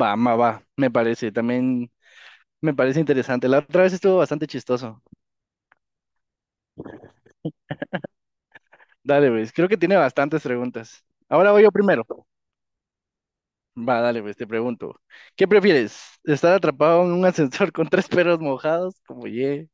Va, me parece, también me parece interesante. La otra vez estuvo bastante chistoso. Dale, pues, creo que tiene bastantes preguntas. Ahora voy yo primero. Va, dale, pues, te pregunto. ¿Qué prefieres? ¿Estar atrapado en un ascensor con tres perros mojados, como ye?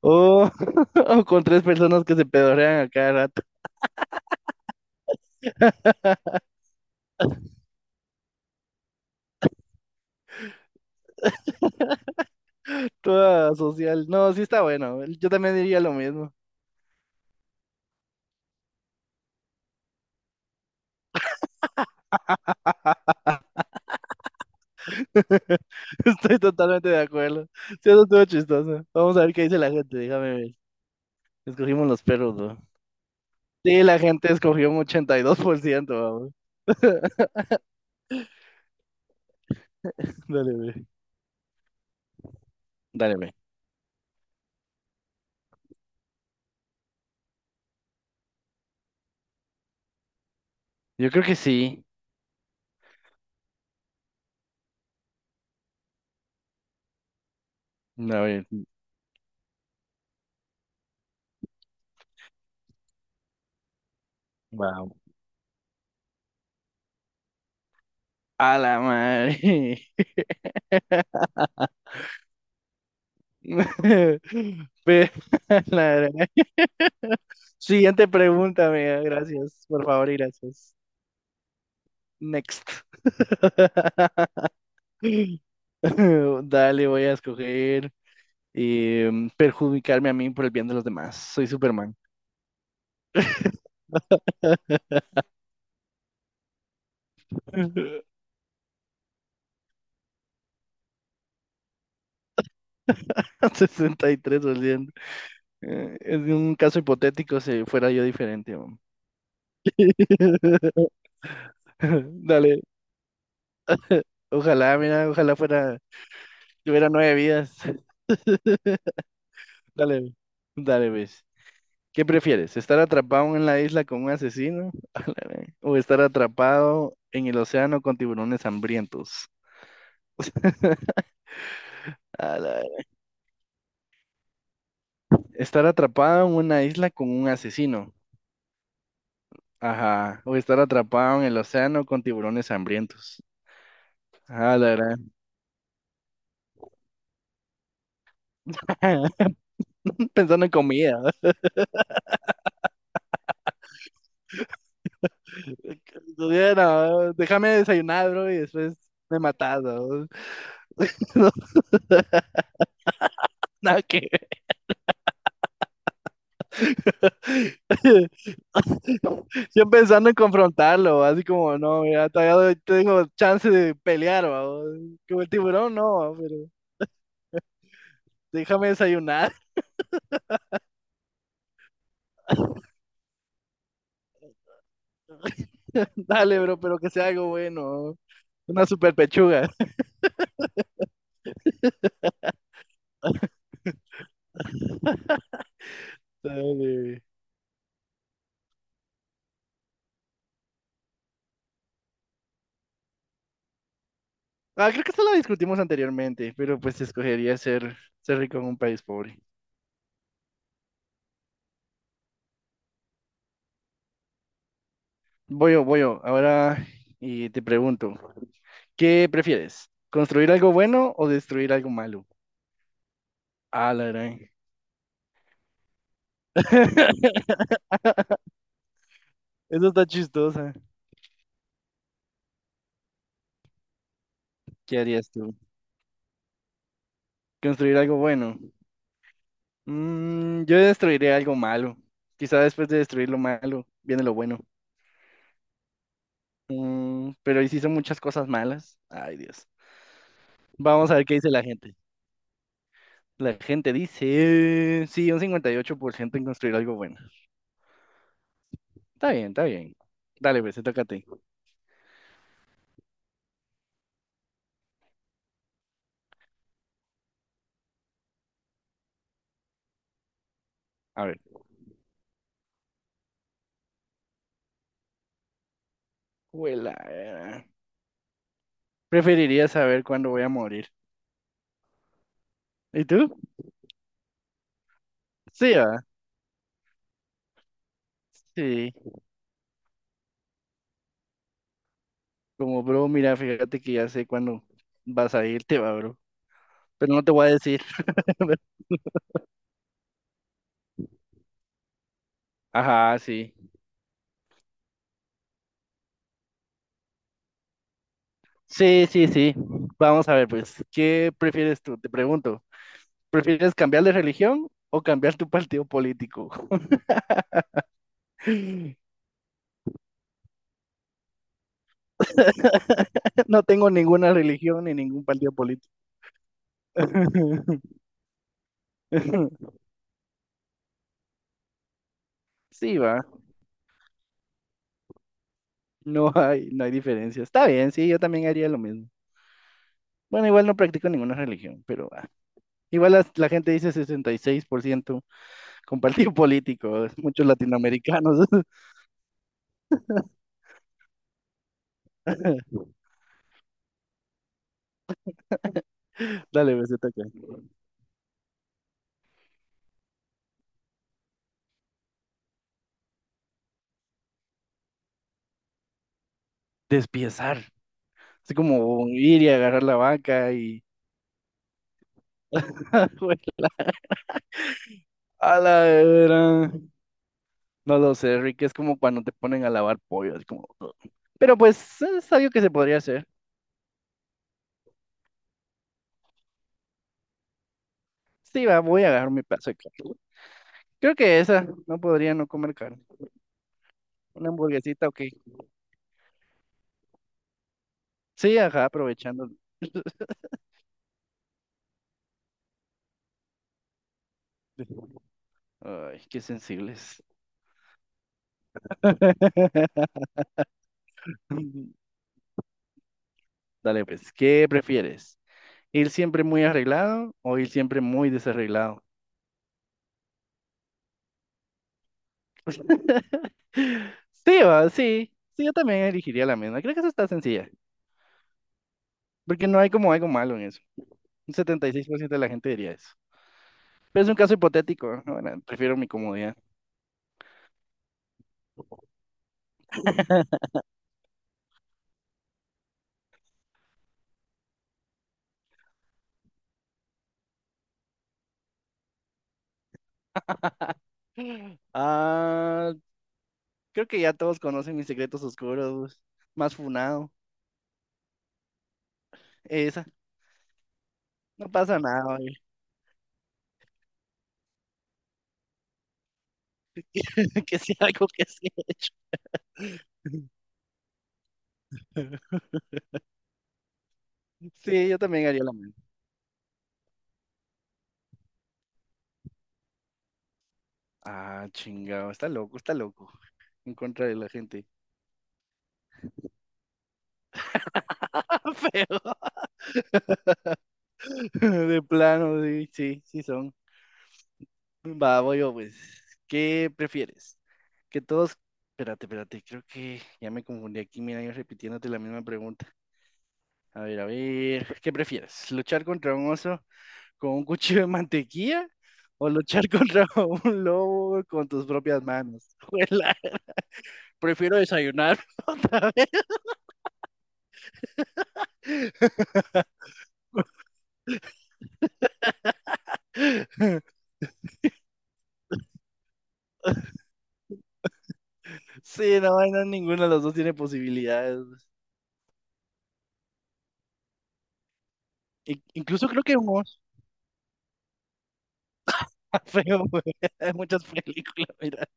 O, o con tres personas que se pedorean a cada rato? Toda social. No, sí está bueno. Yo también diría lo mismo. Estoy totalmente de acuerdo. Sí, eso estuvo chistoso. Vamos a ver qué dice la gente, déjame ver. Escogimos los perros, ¿no? Sí, la gente escogió un 82%. Vamos. Dale, ve. Dale, ve. Yo creo que sí. A ver, vamos. A la madre. Ve, la verdad. Siguiente pregunta, amiga. Gracias, por favor, y gracias. Next. Dale, voy a escoger perjudicarme a mí por el bien de los demás. Soy Superman. 63%. Es un caso hipotético si fuera yo diferente, ¿no? Dale, ojalá, mira, tuviera nueve vidas. Dale, dale, ves. ¿Qué prefieres? ¿Estar atrapado en la isla con un asesino? ¿O estar atrapado en el océano con tiburones hambrientos? A la ve- Estar atrapado en una isla con un asesino. Ajá. O estar atrapado en el océano con tiburones hambrientos. Ah, la verdad. Pensando en comida. Todavía no, déjame desayunar, bro, y después me matas, bro. No, nada que ver. Yo pensando en confrontarlo, así como, no, mira, todavía doy- tengo chance de pelear, bro. Como el tiburón, no, pero déjame desayunar. Dale, bro, pero que sea algo bueno. Una super pechuga. Dale. Ah, creo que esto lo discutimos anteriormente, pero pues escogería ser rico en un país pobre. Voy yo, voy yo. Ahora y te pregunto, ¿qué prefieres? ¿Construir algo bueno o destruir algo malo? Ah, la gran. Eso está chistosa. ¿Qué harías tú? ¿Construir algo bueno? Mm, yo destruiré algo malo. Quizá después de destruir lo malo, viene lo bueno. Mm, pero hiciste muchas cosas malas. Ay, Dios. Vamos a ver qué dice la gente. La gente dice, sí, un 58% en construir algo bueno. Está bien, está bien. Dale, pues, se toca a ti. A ver. Huela. Preferiría saber cuándo voy a morir. ¿Y tú? Sí, va. Sí. Como, bro, mira, fíjate que ya sé cuándo vas a irte, va, bro. Pero no te voy a decir. Ajá, sí. Sí, sí, sí. Vamos a ver, pues, ¿qué prefieres tú? Te pregunto. ¿Prefieres cambiar de religión o cambiar tu partido político? No tengo ninguna religión ni ningún partido político. Sí, va. No hay, no hay diferencia. Está bien, sí, yo también haría lo mismo. Bueno, igual no practico ninguna religión, pero ah, igual la gente dice 66% con partido político. Muchos latinoamericanos. Dale, pues, te toca. Despiezar. Así como ir y agarrar la vaca y... Bueno, a la era. No lo sé, Rick, es como cuando te ponen a lavar pollo, así como... Pero pues es algo que se podría hacer. Sí, va, voy a agarrar mi pedazo de carne. Creo que esa, no podría no comer carne. Una hamburguesita, ok. Sí, ajá, aprovechando. Ay, qué sensibles. Dale, pues, ¿qué prefieres? ¿Ir siempre muy arreglado o ir siempre muy desarreglado? Sí, va, sí. Sí, yo también elegiría la misma. Creo que eso está sencilla. Porque no hay como algo malo en eso. Un 76% de la gente diría eso. Pero es un caso hipotético, ¿no? Bueno, prefiero mi comodidad. Ah, creo que ya todos conocen mis secretos oscuros. Más funado. Esa. No pasa nada, oye. Que sea algo que se ha hecho. Sí, yo también haría la misma. Ah, chingado, está loco, está loco. En contra de la gente. Feo. De plano, sí, sí, sí son. Va, voy yo, pues. ¿Qué prefieres? Que todos. Espérate, espérate, creo que ya me confundí aquí. Mira, yo repitiéndote la misma pregunta. A ver, a ver. ¿Qué prefieres? ¿Luchar contra un oso con un cuchillo de mantequilla? ¿O luchar contra un lobo con tus propias manos? Juela, prefiero desayunar otra vez. Sí, no, no, ninguno de los dos tiene posibilidades. Incluso creo que humor está feo, güey. Hay muchas películas, mira.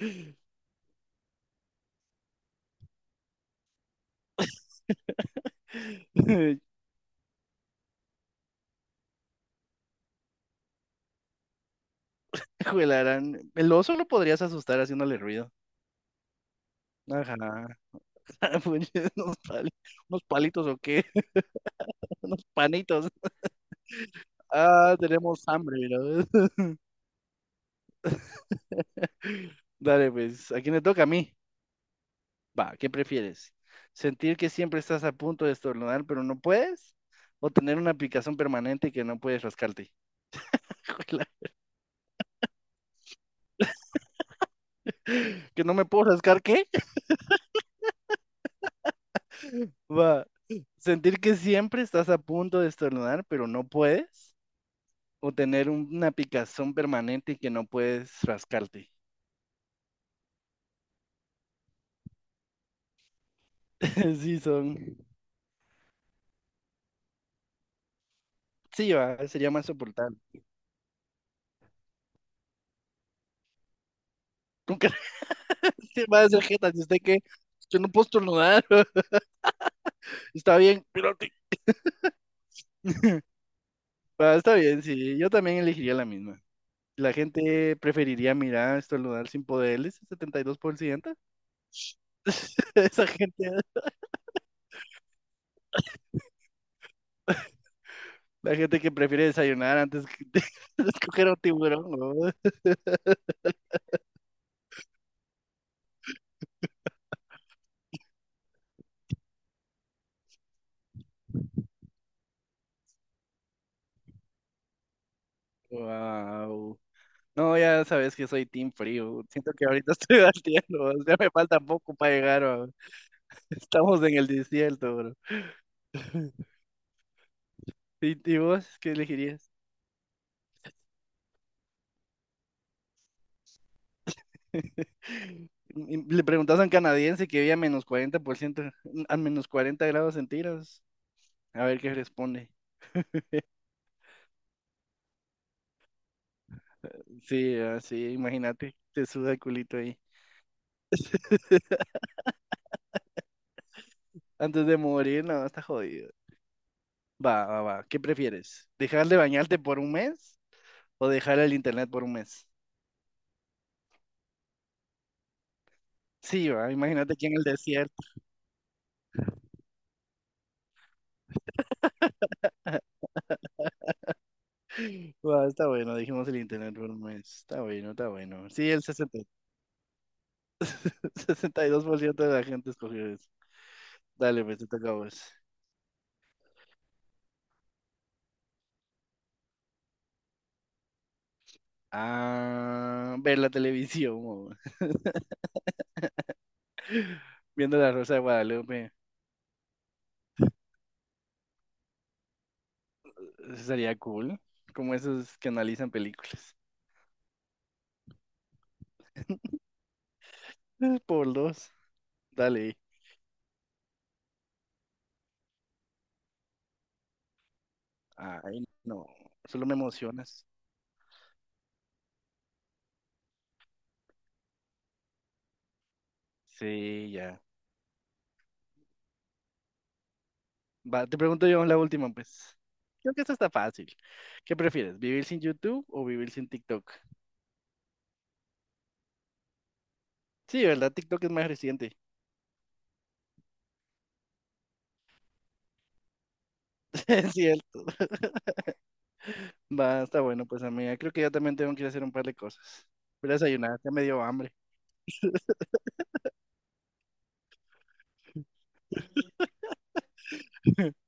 Juelarán. El oso lo podrías asustar haciéndole ruido. Ajá. Pues, Unos pali- unos palitos o qué. Unos panitos. Ah, tenemos hambre, mira. Dale, pues, ¿a quién le toca? A mí. Va, ¿qué prefieres? ¿Sentir que siempre estás a punto de estornudar, pero no puedes? ¿O tener una picazón permanente que no puedes rascarte? Que no me puedo rascar, ¿qué? Va. Sentir que siempre estás a punto de estornudar, pero no puedes. O tener una picazón permanente y que no puedes rascarte. Sí, son. Sí, va, sería más soportable. Nunca se va a hacer jeta, si usted qué yo no puedo estornudar. Está bien, espérate. Va, está bien, sí. Yo también elegiría la misma. La gente preferiría mirar estornudar sin poderes, el 72%. Esa gente, la gente que prefiere desayunar antes que de escoger un tiburón, ¿no? Wow. No, ya sabes que soy team frío. Siento que ahorita estoy bateando, o sea, me falta poco para llegar, bro. Estamos en el desierto, bro. ¿Y vos qué elegirías? Y le preguntas a un canadiense que vive a menos 40%, a menos 40 grados centígrados. A ver qué responde. Sí, así, imagínate, te suda el culito ahí. Antes de morir, no, está jodido. Va, va, va. ¿Qué prefieres? ¿Dejar de bañarte por un mes o dejar el internet por un mes? Sí, va. Imagínate aquí en el desierto. Va, está bueno, dijimos el internet por un mes. Está bueno, está bueno. Sí, el 62% de la gente escogió eso. Dale, pues, te toca a vos. Ah, ver la televisión, o viendo La Rosa de Guadalupe. Eso sería cool. Como esos que analizan películas. Por dos. Dale. Ay, no. Solo me emocionas. Sí, ya. Va, te pregunto yo la última, pues. Creo que esta está fácil. ¿Qué prefieres, vivir sin YouTube o vivir sin TikTok? Sí, ¿verdad? TikTok es más reciente. Es cierto. Va, está bueno, pues, amiga. Creo que yo también tengo que ir a hacer un par de cosas. Voy a desayunar, ya me dio hambre.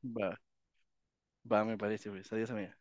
Va, va, me parece, pues. Adiós, amiga.